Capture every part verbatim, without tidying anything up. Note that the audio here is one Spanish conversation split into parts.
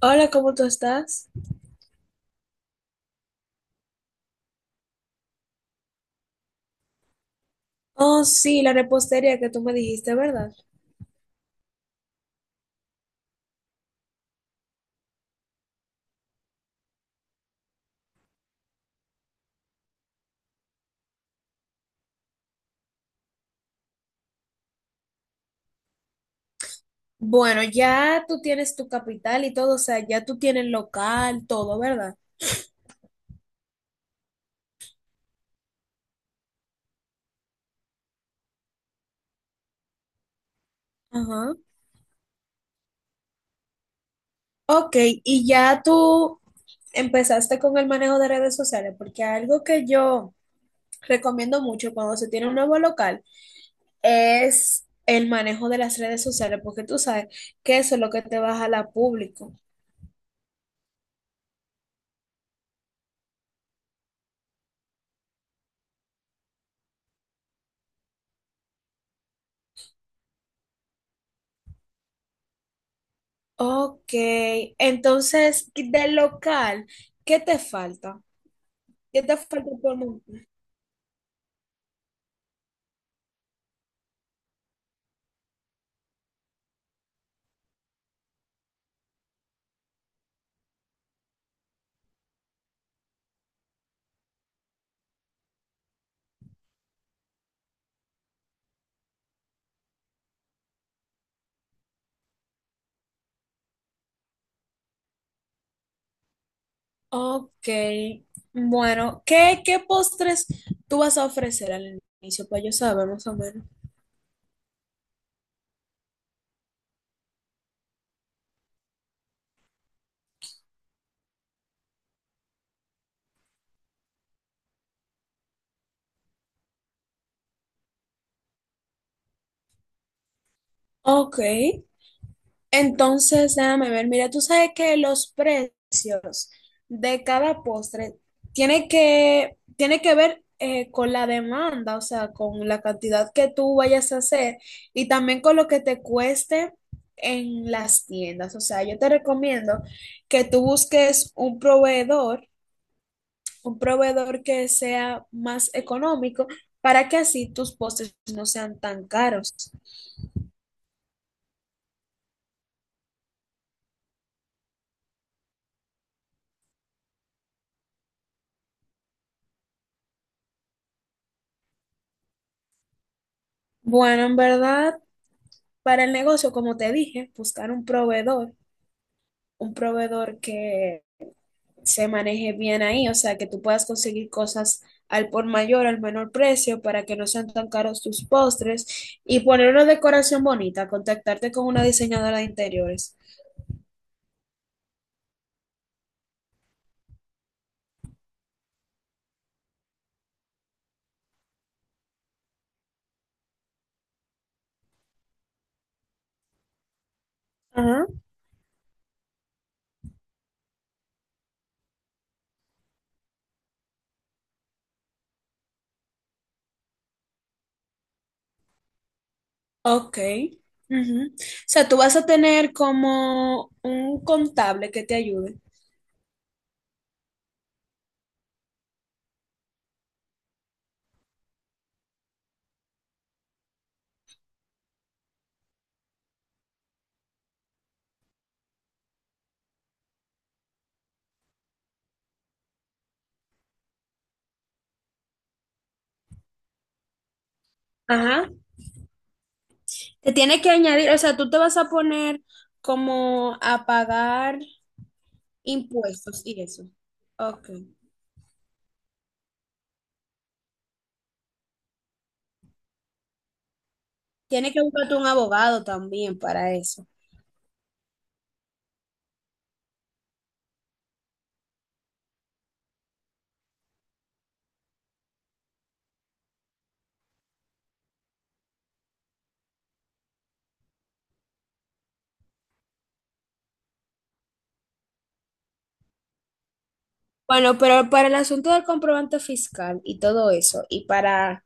Hola, ¿cómo tú estás? Oh, sí, la repostería que tú me dijiste, ¿verdad? Bueno, ya tú tienes tu capital y todo, o sea, ya tú tienes local, todo, ¿verdad? Ajá. Ok, y ya tú empezaste con el manejo de redes sociales, porque algo que yo recomiendo mucho cuando se tiene un nuevo local es el manejo de las redes sociales, porque tú sabes que eso es lo que te va a jalar público. Ok, entonces, del local, ¿qué te falta? ¿Qué te falta por montar? Ok, bueno, ¿qué, qué postres tú vas a ofrecer al inicio? Pues yo saber más o menos. Ok, entonces déjame ver, mira, tú sabes que los precios de cada postre tiene que, tiene que ver eh, con la demanda, o sea, con la cantidad que tú vayas a hacer y también con lo que te cueste en las tiendas. O sea, yo te recomiendo que tú busques un proveedor un proveedor que sea más económico para que así tus postres no sean tan caros. Bueno, en verdad, para el negocio, como te dije, buscar un proveedor, un proveedor que se maneje bien ahí, o sea, que tú puedas conseguir cosas al por mayor, al menor precio, para que no sean tan caros tus postres y poner una decoración bonita, contactarte con una diseñadora de interiores. Ajá. Ok. Ujú. O sea, tú vas a tener como un contable que te ayude. Ajá. Te tiene que añadir, o sea, tú te vas a poner como a pagar impuestos y eso. Ok. Tienes que buscarte un abogado también para eso. Bueno, pero para el asunto del comprobante fiscal y todo eso, y para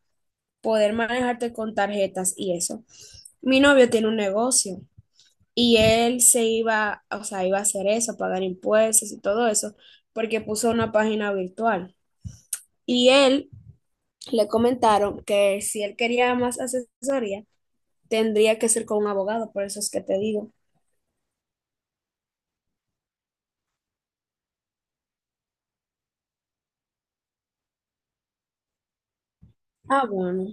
poder manejarte con tarjetas y eso, mi novio tiene un negocio. Y él se iba, o sea, iba a hacer eso, pagar impuestos y todo eso, porque puso una página virtual. Y él le comentaron que si él quería más asesoría, tendría que ser con un abogado, por eso es que te digo. Ah, bueno.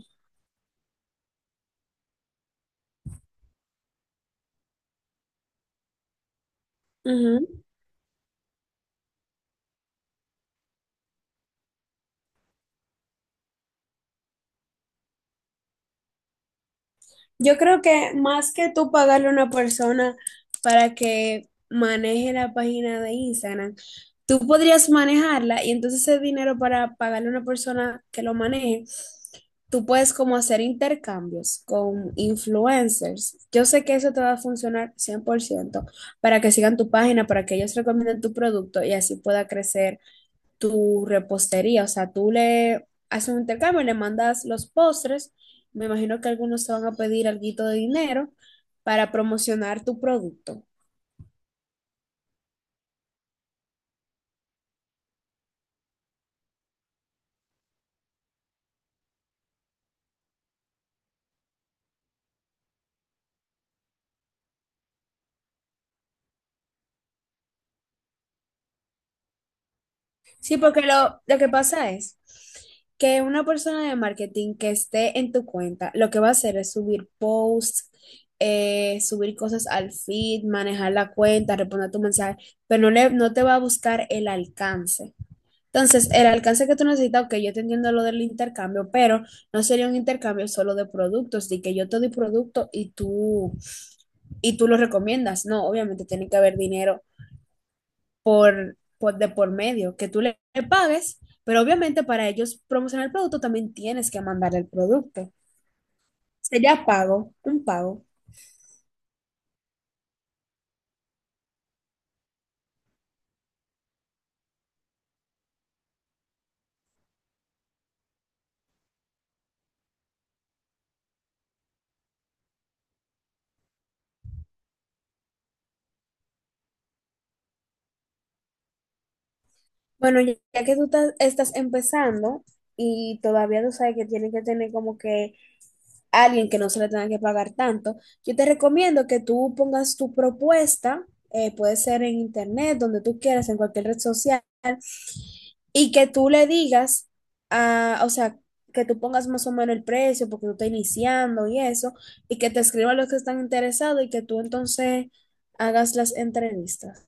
Yo creo que más que tú pagarle a una persona para que maneje la página de Instagram, tú podrías manejarla y entonces ese dinero para pagarle a una persona que lo maneje, tú puedes como hacer intercambios con influencers. Yo sé que eso te va a funcionar cien por ciento para que sigan tu página, para que ellos recomienden tu producto y así pueda crecer tu repostería, o sea, tú le haces un intercambio, le mandas los postres, me imagino que algunos te van a pedir alguito de dinero para promocionar tu producto. Sí, porque lo, lo que pasa es que una persona de marketing que esté en tu cuenta, lo que va a hacer es subir posts, eh, subir cosas al feed, manejar la cuenta, responder tu mensaje, pero no, le, no te va a buscar el alcance. Entonces, el alcance que tú necesitas, ok, yo te entiendo lo del intercambio, pero no sería un intercambio solo de productos, de que yo te doy producto y tú, y tú lo recomiendas. No, obviamente tiene que haber dinero por, por, de por medio, que tú le, le pagues, pero obviamente para ellos promocionar el producto también tienes que mandar el producto. Sería pago, un pago. Bueno, ya ya que tú ta- estás empezando y todavía tú sabes que tienes que tener como que a alguien que no se le tenga que pagar tanto, yo te recomiendo que tú pongas tu propuesta, eh, puede ser en internet, donde tú quieras, en cualquier red social, y que tú le digas, ah, o sea, que tú pongas más o menos el precio porque tú estás iniciando y eso, y que te escriban los que están interesados y que tú entonces hagas las entrevistas.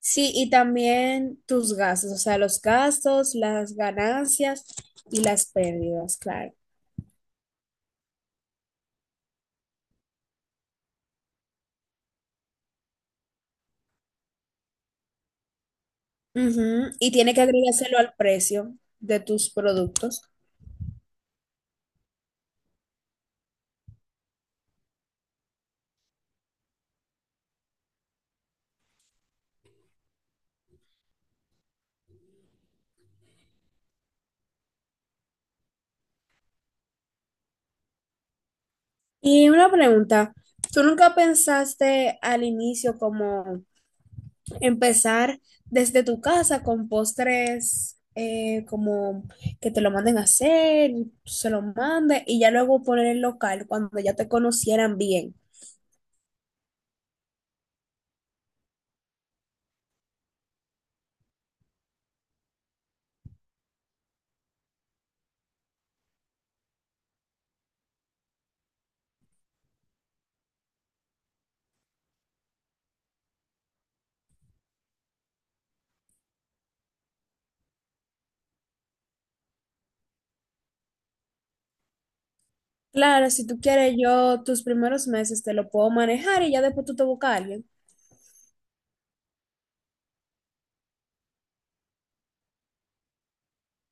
Sí, y también tus gastos, o sea, los gastos, las ganancias y las pérdidas, claro. Ujú, y tiene que agregárselo al precio de tus productos. Y una pregunta, ¿tú nunca pensaste al inicio como empezar desde tu casa con postres eh, como que te lo manden a hacer, y tú se lo mande y ya luego poner el local cuando ya te conocieran bien? Claro, si tú quieres, yo tus primeros meses te lo puedo manejar y ya después tú te buscas a alguien.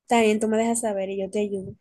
También tú me dejas saber y yo te ayudo.